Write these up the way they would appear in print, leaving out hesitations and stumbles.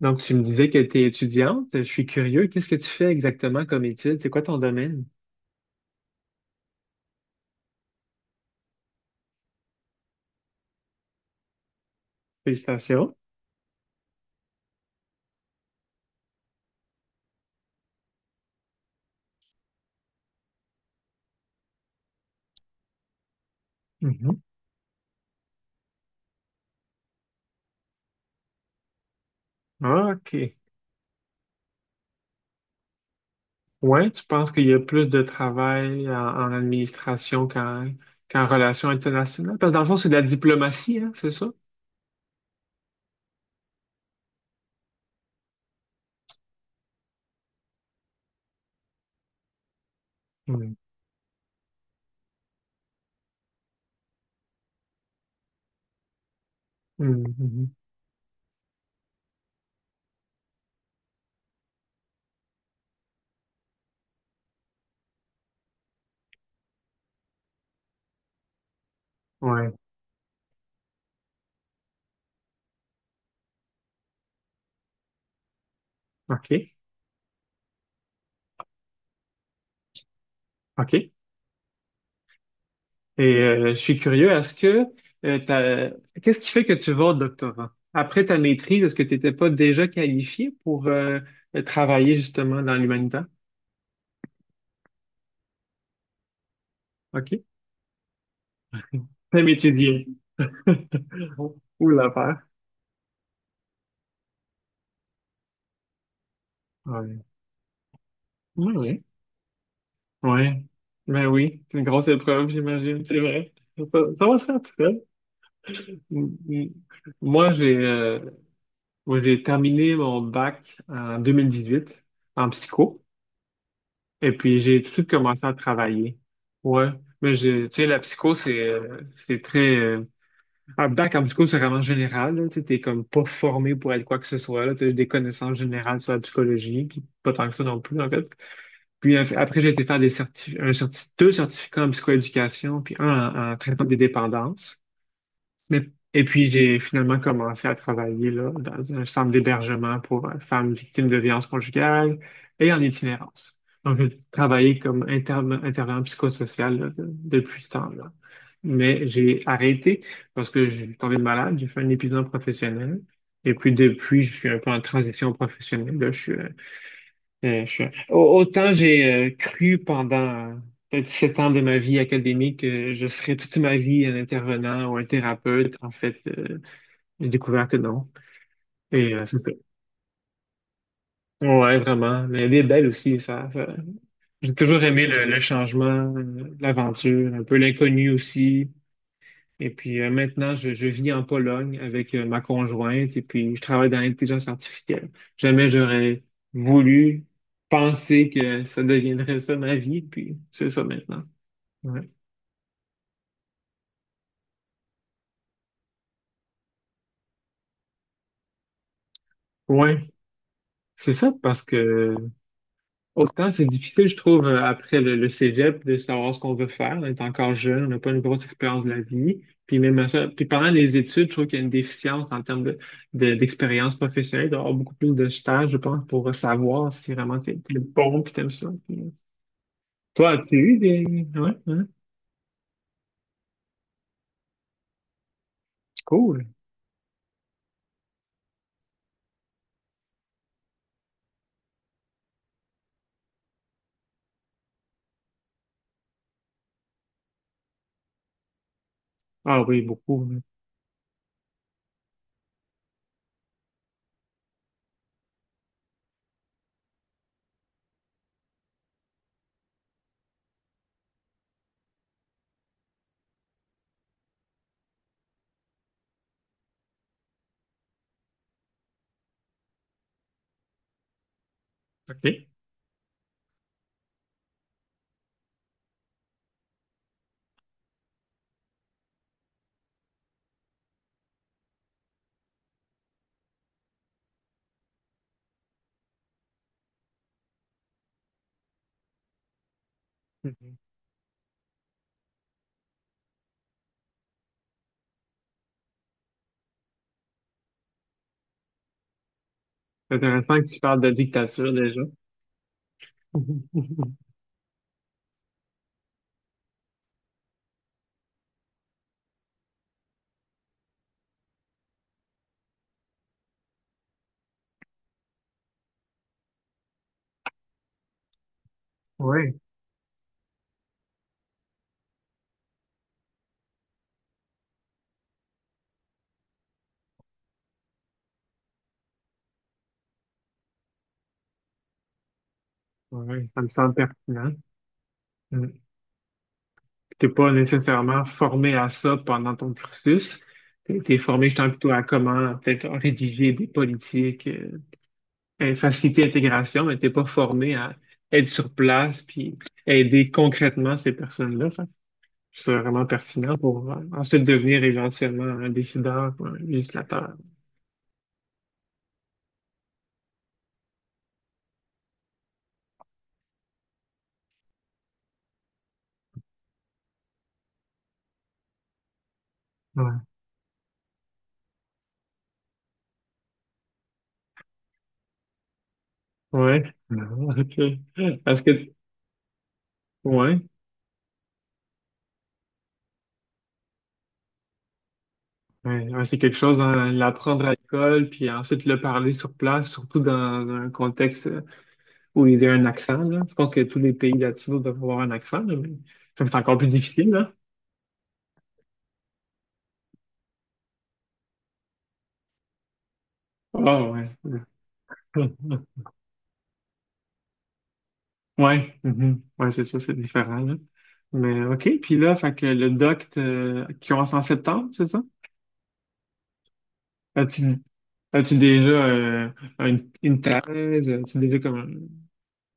Donc, tu me disais que tu es étudiante. Je suis curieux. Qu'est-ce que tu fais exactement comme étude? C'est quoi ton domaine? Félicitations. Mhm. Ah, OK. Ouais, tu penses qu'il y a plus de travail en, en administration qu'en qu'en relations internationales? Parce que dans le fond, c'est de la diplomatie, hein, c'est ça? Mhm. Mhm. Ouais, OK. OK. Et je suis curieux, est-ce que euh, t'as- qu'est-ce qui fait que tu vas au doctorat? Après ta maîtrise, est-ce que tu n'étais pas déjà qualifié pour travailler justement dans l'humanitaire? OK. Thème étudié. Ou l'affaire. Ouais. Oui, oui. Ouais. Ben oui, c'est une grosse épreuve, j'imagine, c'est vrai. Ça va se faire tout seul. M- m- Moi, j'ai euh, moi, j'ai terminé mon bac en 2018 en psycho. Et puis, j'ai tout de suite commencé à travailler. Ouais. Mais j'ai, tu sais, la psycho, c'est très, en même temps, quand tu c'est vraiment général, là, tu sais, t'es comme pas formé pour être quoi que ce soit, là, t'as des connaissances générales sur la psychologie, puis pas tant que ça non plus, en fait. Puis après, j'ai été faire des deux certificats en psychoéducation, puis un en, en traitement des dépendances. Mais, et puis, j'ai finalement commencé à travailler là, dans un centre d'hébergement pour femmes victimes de violences conjugales et en itinérance. Donc, j'ai travaillé comme interne, intervenant psychosocial là, depuis ce temps-là. Mais j'ai arrêté parce que j'ai tombé malade, j'ai fait un épuisement professionnel. Et puis, depuis, je suis un peu en transition professionnelle là. Euh, je- Autant j'ai cru pendant peut-être 7 ans de ma vie académique que je serais toute ma vie un intervenant ou un thérapeute, en fait, j'ai découvert que non. Et c'est ça. Ouais, vraiment. Mais elle est belle aussi, ça. J'ai toujours aimé le changement, l'aventure, un peu l'inconnu aussi. Et puis maintenant, je vis en Pologne avec ma conjointe et puis je travaille dans l'intelligence artificielle. Jamais j'aurais voulu penser que ça deviendrait ça ma vie, puis c'est ça maintenant. Ouais, ouais, c'est ça parce que autant c'est difficile, je trouve, après le cégep, de savoir ce qu'on veut faire. On est encore jeune, on n'a pas une grosse expérience de la vie. Puis même à ça, puis pendant les études, je trouve qu'il y a une déficience en termes de, d'expérience professionnelle, d'avoir beaucoup plus de stages, je pense, pour savoir si vraiment t'es, t'es bon puis t'aimes ça. Puis, toi, as-tu eu des... Ouais, hein? Cool. Ah oui, beaucoup, hein. OK. Mhm. C'est intéressant que tu parles de dictature déjà. Oui, oui, ça me semble pertinent. T'es pas nécessairement formé à ça pendant ton cursus. T'es, t'es formé justement plutôt à comment peut-être rédiger des politiques, faciliter l'intégration, mais t'es pas formé à être sur place puis aider concrètement ces personnes-là. Fait que c'est vraiment pertinent pour ensuite devenir éventuellement un décideur ou un législateur. Ouais. Ouais. Ah, OK. Est-ce que ouais. Ouais, ouais, c'est quelque chose, hein, l'apprendre à l'école, puis ensuite le parler sur place, surtout dans un contexte où il y a un accent, là. Je pense que tous les pays latinos doivent avoir un accent, là, mais comme c'est encore plus difficile, là. Ah, ouais. Ouais, mhm. Ouais, c'est sûr, c'est différent, là. Mais OK, puis là, fait que le qui commence en septembre, c'est ça? As-tu as-tu déjà une, une thèse? As-tu déjà comme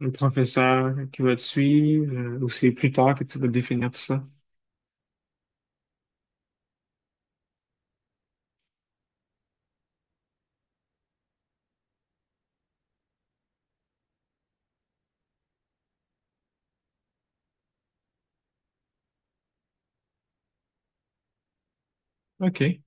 un professeur qui va te suivre? Ou c'est plus tard que tu vas définir tout ça? OK. Est-ce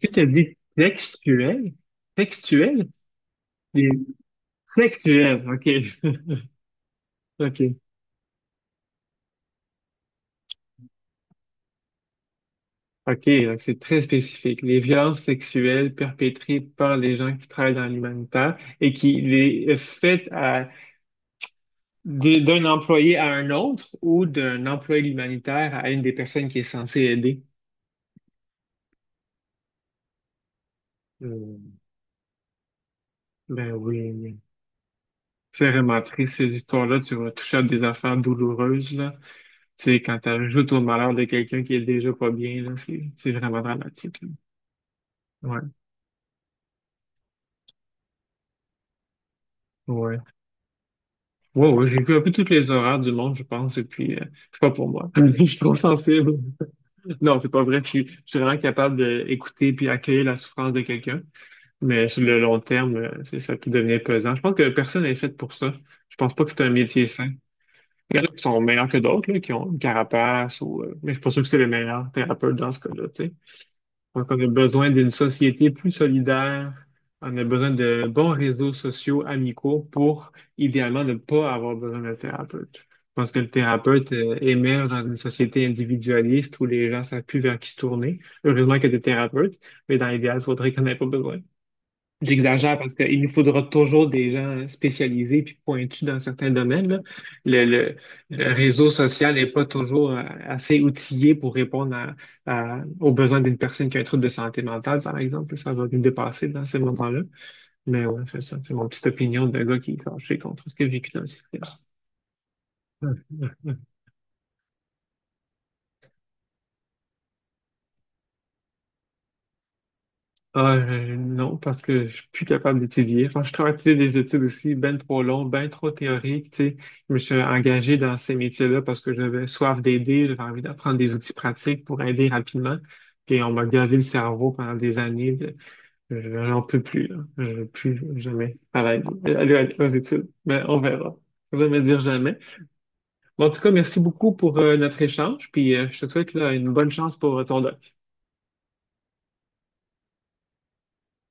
que tu as dit textuel? Textuel? Et sexuel, OK. OK. OK, donc c'est très spécifique. Les violences sexuelles perpétrées par les gens qui travaillent dans l'humanitaire et qui les faites à, d'un employé à un autre ou d'un employé de l'humanitaire à une des personnes qui est censée aider. Euh, ben oui, oui. C'est vraiment triste ces histoires-là. Tu vas toucher à des affaires douloureuses, là. Tu sais, quand tu ajoutes au malheur de quelqu'un qui est déjà pas bien, là, c'est vraiment dramatique là. Ouais, ouais. Wow, ouais, j'ai vu un peu toutes les horreurs du monde, je pense, et puis c'est pas pour moi. Je suis trop sensible. Non, c'est pas vrai. Je suis vraiment capable d'écouter puis accueillir la souffrance de quelqu'un, mais sur le long terme, ça peut devenir pesant. Je pense que personne n'est fait pour ça. Je pense pas que c'est un métier sain. Il y en a qui sont meilleurs que d'autres, là, qui ont une carapace, ou, mais je suis pas sûr que c'est le meilleur thérapeute dans ce cas-là, tu sais. Donc, on a besoin d'une société plus solidaire. On a besoin de bons réseaux sociaux amicaux pour, idéalement, ne pas avoir besoin d'un thérapeute. Je pense que le thérapeute, émerge dans une société individualiste où les gens savent plus vers qui se tourner. Heureusement qu'il y a des thérapeutes, mais dans l'idéal, il faudrait qu'on n'ait pas besoin. J'exagère parce qu'il nous faudra toujours des gens spécialisés puis pointus dans certains domaines, là. Le, le réseau social n'est pas toujours assez outillé pour répondre aux besoins d'une personne qui a un trouble de santé mentale, par exemple. Ça va nous dépasser dans ces moments-là. Mais ouais, c'est ça. C'est mon petite opinion de gars qui est fâché contre ce qu'il a vécu dans le système. Ah, non, parce que je suis plus capable d'étudier. Enfin, je travaille des études aussi ben trop longues, ben trop théoriques, tu sais. Je me suis engagé dans ces métiers-là parce que j'avais soif d'aider, j'avais envie d'apprendre des outils pratiques pour aider rapidement. Puis on m'a gavé le cerveau pendant des années. Je n'en peux plus, là. Je veux plus jamais travailler, aller aux études. Mais on verra. Je vais me dire jamais. Bon, en tout cas, merci beaucoup pour notre échange. Puis je te souhaite là, une bonne chance pour ton doc.